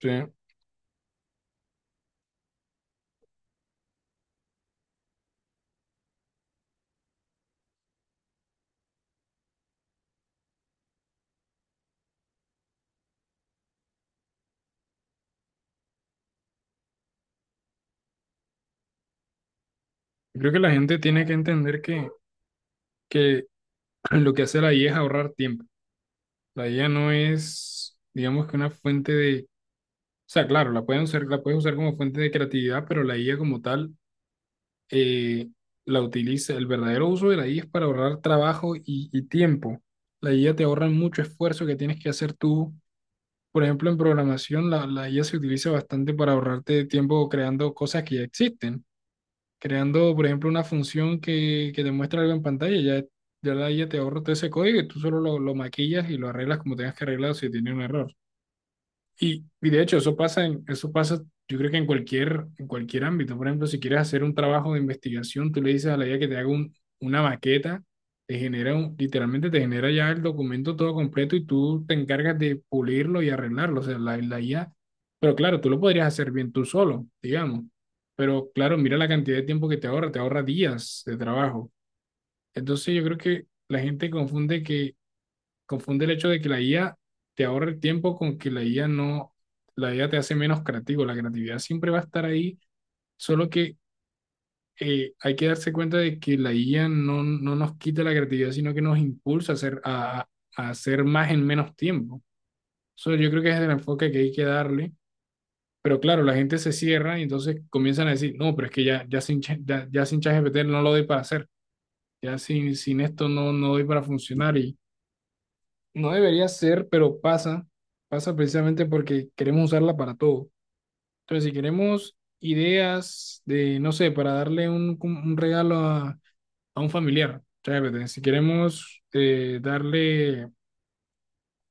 Sí. Creo que la gente tiene que entender que lo que hace la IA es ahorrar tiempo. La IA no es, digamos que una fuente de, o sea, claro, la pueden usar, la puedes usar como fuente de creatividad, pero la IA como tal eh, la utiliza. El verdadero uso de la IA es para ahorrar trabajo y tiempo. La IA te ahorra mucho esfuerzo que tienes que hacer tú. Por ejemplo, en programación, la IA se utiliza bastante para ahorrarte tiempo creando cosas que ya existen. Creando, por ejemplo, una función que te muestra algo en pantalla, ya la IA te ahorra todo ese código y tú solo lo maquillas y lo arreglas como tengas que arreglarlo si tiene un error. Y de hecho, eso pasa, yo creo que en cualquier ámbito. Por ejemplo, si quieres hacer un trabajo de investigación, tú le dices a la IA que te haga una maqueta, literalmente te genera ya el documento todo completo y tú te encargas de pulirlo y arreglarlo. O sea, la IA, pero claro, tú lo podrías hacer bien tú solo, digamos. Pero claro, mira la cantidad de tiempo que te ahorra días de trabajo. Entonces yo creo que la gente confunde el hecho de que la IA te ahorra el tiempo con que la IA no, la IA te hace menos creativo. La creatividad siempre va a estar ahí, solo que hay que darse cuenta de que la IA no nos quita la creatividad, sino que nos impulsa a hacer, a hacer más en menos tiempo. Eso yo creo que es el enfoque que hay que darle. Pero claro, la gente se cierra y entonces comienzan a decir, no, pero es que ya sin ChatGPT no lo doy para hacer, ya sin esto no doy para funcionar. No debería ser, pero pasa precisamente porque queremos usarla para todo. Entonces, si queremos ideas de, no sé, para darle un regalo a un familiar, ChatGPT. Si queremos darle,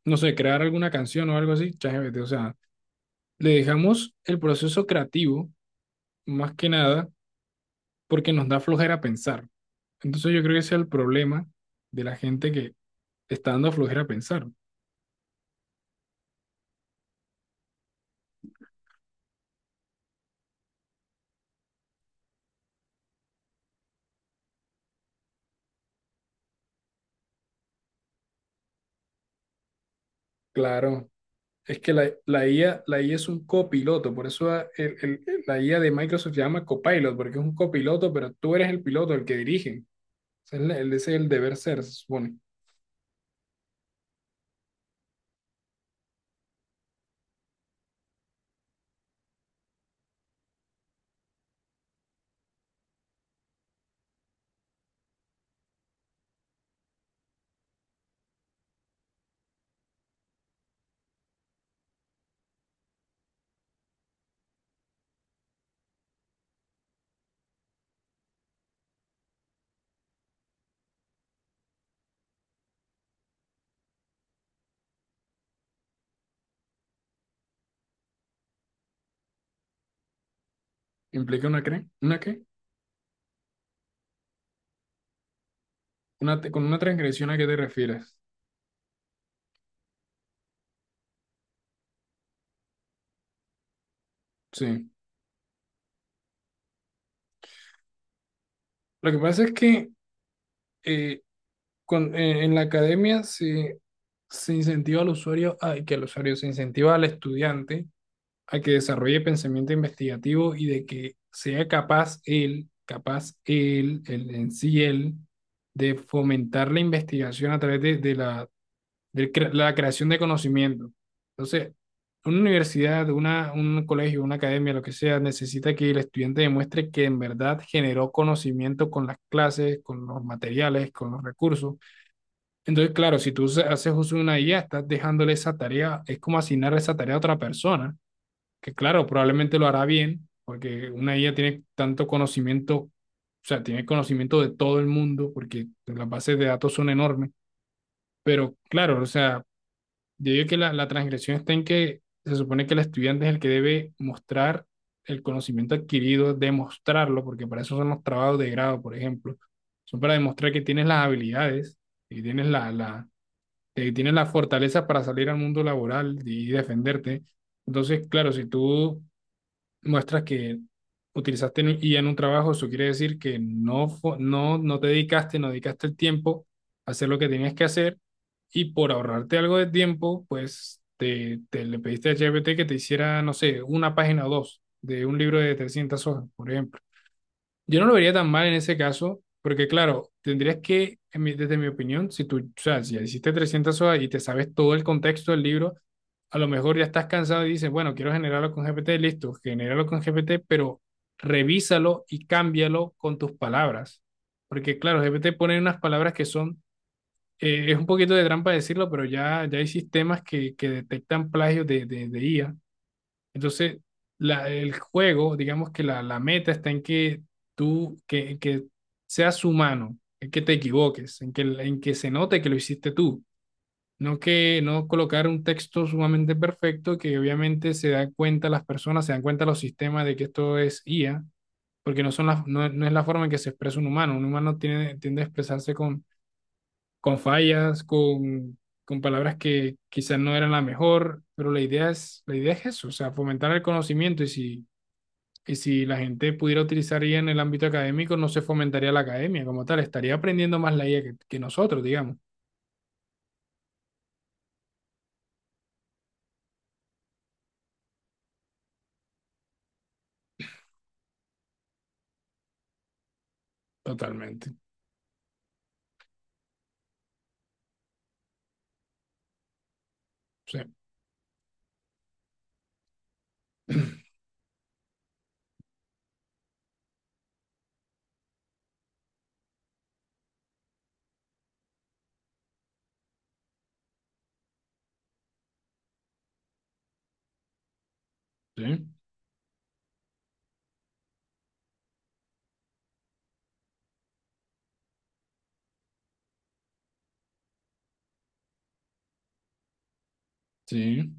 no sé, crear alguna canción o algo así, ChatGPT. O sea, le dejamos el proceso creativo, más que nada, porque nos da flojera pensar. Entonces, yo creo que ese es el problema de la gente que está dando flojera pensar. Claro. Es que la IA es un copiloto, por eso la IA de Microsoft se llama copilot, porque es un copiloto, pero tú eres el piloto, el que dirige. O sea, es ese es el deber ser, se supone. ¿Implica una qué? Con una transgresión a qué te refieres. Sí. Lo que pasa es que eh, en la academia se incentiva que el usuario se incentiva al estudiante a que desarrolle pensamiento investigativo y de que sea capaz él, él en sí él, de fomentar la investigación a través de la creación de conocimiento. Entonces, una universidad, un colegio, una academia, lo que sea, necesita que el estudiante demuestre que en verdad generó conocimiento con las clases, con los materiales, con los recursos. Entonces, claro, si tú haces uso de una IA, estás dejándole esa tarea, es como asignar esa tarea a otra persona que claro, probablemente lo hará bien, porque una IA tiene tanto conocimiento, o sea, tiene conocimiento de todo el mundo, porque las bases de datos son enormes, pero claro, o sea, yo digo que la transgresión está en que se supone que el estudiante es el que debe mostrar el conocimiento adquirido, demostrarlo, porque para eso son los trabajos de grado, por ejemplo, son para demostrar que tienes las habilidades y tienes la fortaleza para salir al mundo laboral y defenderte. Entonces, claro, si tú muestras que utilizaste IA en un trabajo, eso quiere decir que no te dedicaste, no dedicaste el tiempo a hacer lo que tenías que hacer y por ahorrarte algo de tiempo, pues te le pediste a GPT que te hiciera, no sé, una página o dos de un libro de 300 hojas, por ejemplo. Yo no lo vería tan mal en ese caso, porque claro, tendrías que, desde mi opinión, si tú, o sea, si hiciste 300 hojas y te sabes todo el contexto del libro, a lo mejor ya estás cansado y dices, bueno, quiero generarlo con GPT, listo, genéralo con GPT, pero revísalo y cámbialo con tus palabras. Porque claro, GPT pone unas palabras que son, es un poquito de trampa decirlo, pero ya hay sistemas que detectan plagios de IA. Entonces, el juego, digamos que la meta está en que tú, que seas humano, en que te equivoques, en que se note que lo hiciste tú. No que no colocar un texto sumamente perfecto que obviamente se dan cuenta las personas, se dan cuenta los sistemas de que esto es IA, porque no, no es la forma en que se expresa un humano. Un humano tiende a expresarse con, fallas, con palabras que quizás no eran la mejor, pero la idea es eso, o sea, fomentar el conocimiento y si la gente pudiera utilizar IA en el ámbito académico, no se fomentaría la academia como tal, estaría aprendiendo más la IA que nosotros, digamos. Totalmente. Sí. Sí, sí,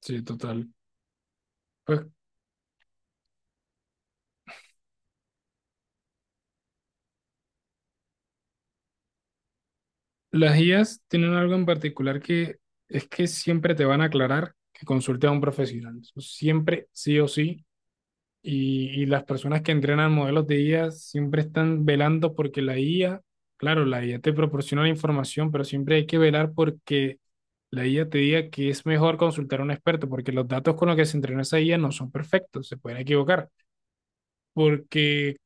sí, total. Pues las IAs tienen algo en particular que es que siempre te van a aclarar que consulte a un profesional. Siempre, sí o sí. Y las personas que entrenan modelos de IA siempre están velando porque la IA, claro, la IA te proporciona la información, pero siempre hay que velar porque la IA te diga que es mejor consultar a un experto, porque los datos con los que se entrenó esa IA no son perfectos, se pueden equivocar. Porque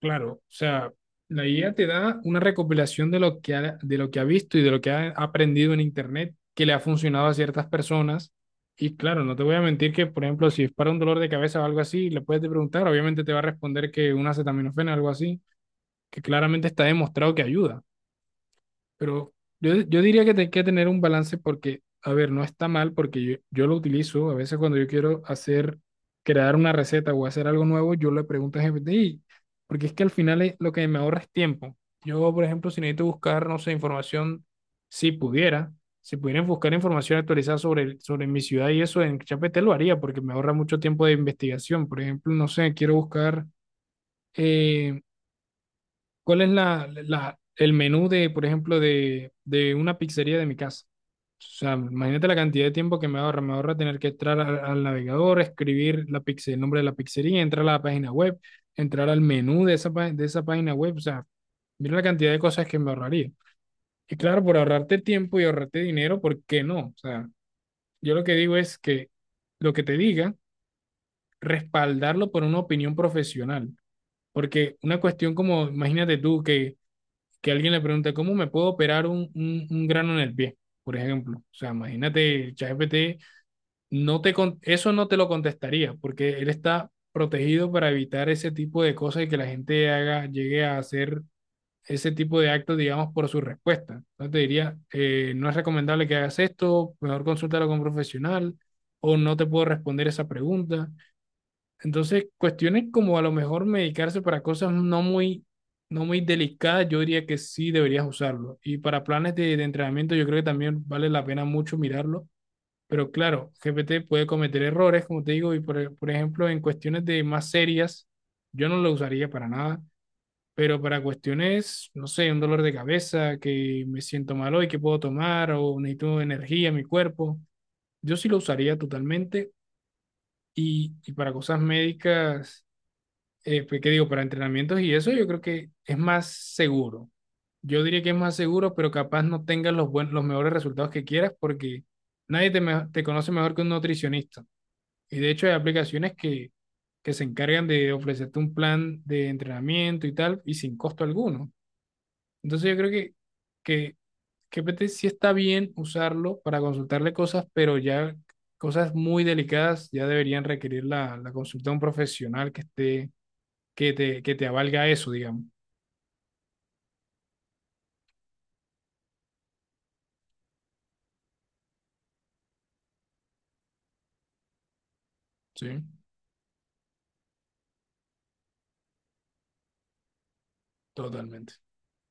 Claro, o sea, la IA te da una recopilación de lo que ha visto y de lo que ha aprendido en Internet que le ha funcionado a ciertas personas. Y claro, no te voy a mentir que, por ejemplo, si es para un dolor de cabeza o algo así, le puedes preguntar, obviamente te va a responder que una acetaminofén o algo así, que claramente está demostrado que ayuda. Pero yo diría que hay que tener un balance porque, a ver, no está mal porque yo lo utilizo. A veces cuando yo quiero crear una receta o hacer algo nuevo, yo le pregunto a GPT, "Ey", porque es que al final lo que me ahorra es tiempo. Yo, por ejemplo, si necesito buscar, no sé, información, si pudiera, si pudieran buscar información actualizada sobre mi ciudad y eso en ChatGPT lo haría porque me ahorra mucho tiempo de investigación. Por ejemplo, no sé, quiero buscar eh, ¿cuál es el menú de, por ejemplo, de una pizzería de mi casa? O sea, imagínate la cantidad de tiempo que me ahorra. Me ahorra tener que entrar al navegador, escribir el nombre de la pizzería, entrar a la página web, entrar al menú de esa página web. O sea, mira la cantidad de cosas que me ahorraría. Y claro, por ahorrarte tiempo y ahorrarte dinero, ¿por qué no? O sea, yo lo que digo es que lo que te diga, respaldarlo por una opinión profesional. Porque una cuestión como, imagínate tú que alguien le pregunte, ¿cómo me puedo operar un grano en el pie? Por ejemplo, o sea, imagínate, ChatGPT, eso no te lo contestaría, porque él está protegido para evitar ese tipo de cosas y que la gente llegue a hacer ese tipo de actos, digamos, por su respuesta. Entonces te diría, no es recomendable que hagas esto, mejor consúltalo con un profesional, o no te puedo responder esa pregunta. Entonces, cuestiones como a lo mejor medicarse para cosas no muy delicadas, yo diría que sí deberías usarlo. Y para planes de entrenamiento, yo creo que también vale la pena mucho mirarlo. Pero claro, GPT puede cometer errores, como te digo, y por ejemplo, en cuestiones de más serias, yo no lo usaría para nada. Pero para cuestiones, no sé, un dolor de cabeza, que me siento mal hoy, que puedo tomar, o necesito energía en mi cuerpo, yo sí lo usaría totalmente. Y para cosas médicas pues, ¿qué digo? Para entrenamientos y eso yo creo que es más seguro. Yo diría que es más seguro, pero capaz no tengas los mejores resultados que quieras porque nadie te conoce mejor que un nutricionista. Y de hecho hay aplicaciones que se encargan de ofrecerte un plan de entrenamiento y tal y sin costo alguno. Entonces yo creo que GPT sí está bien usarlo para consultarle cosas, pero ya cosas muy delicadas ya deberían requerir la consulta de un profesional que te avalga eso, digamos. Sí, totalmente.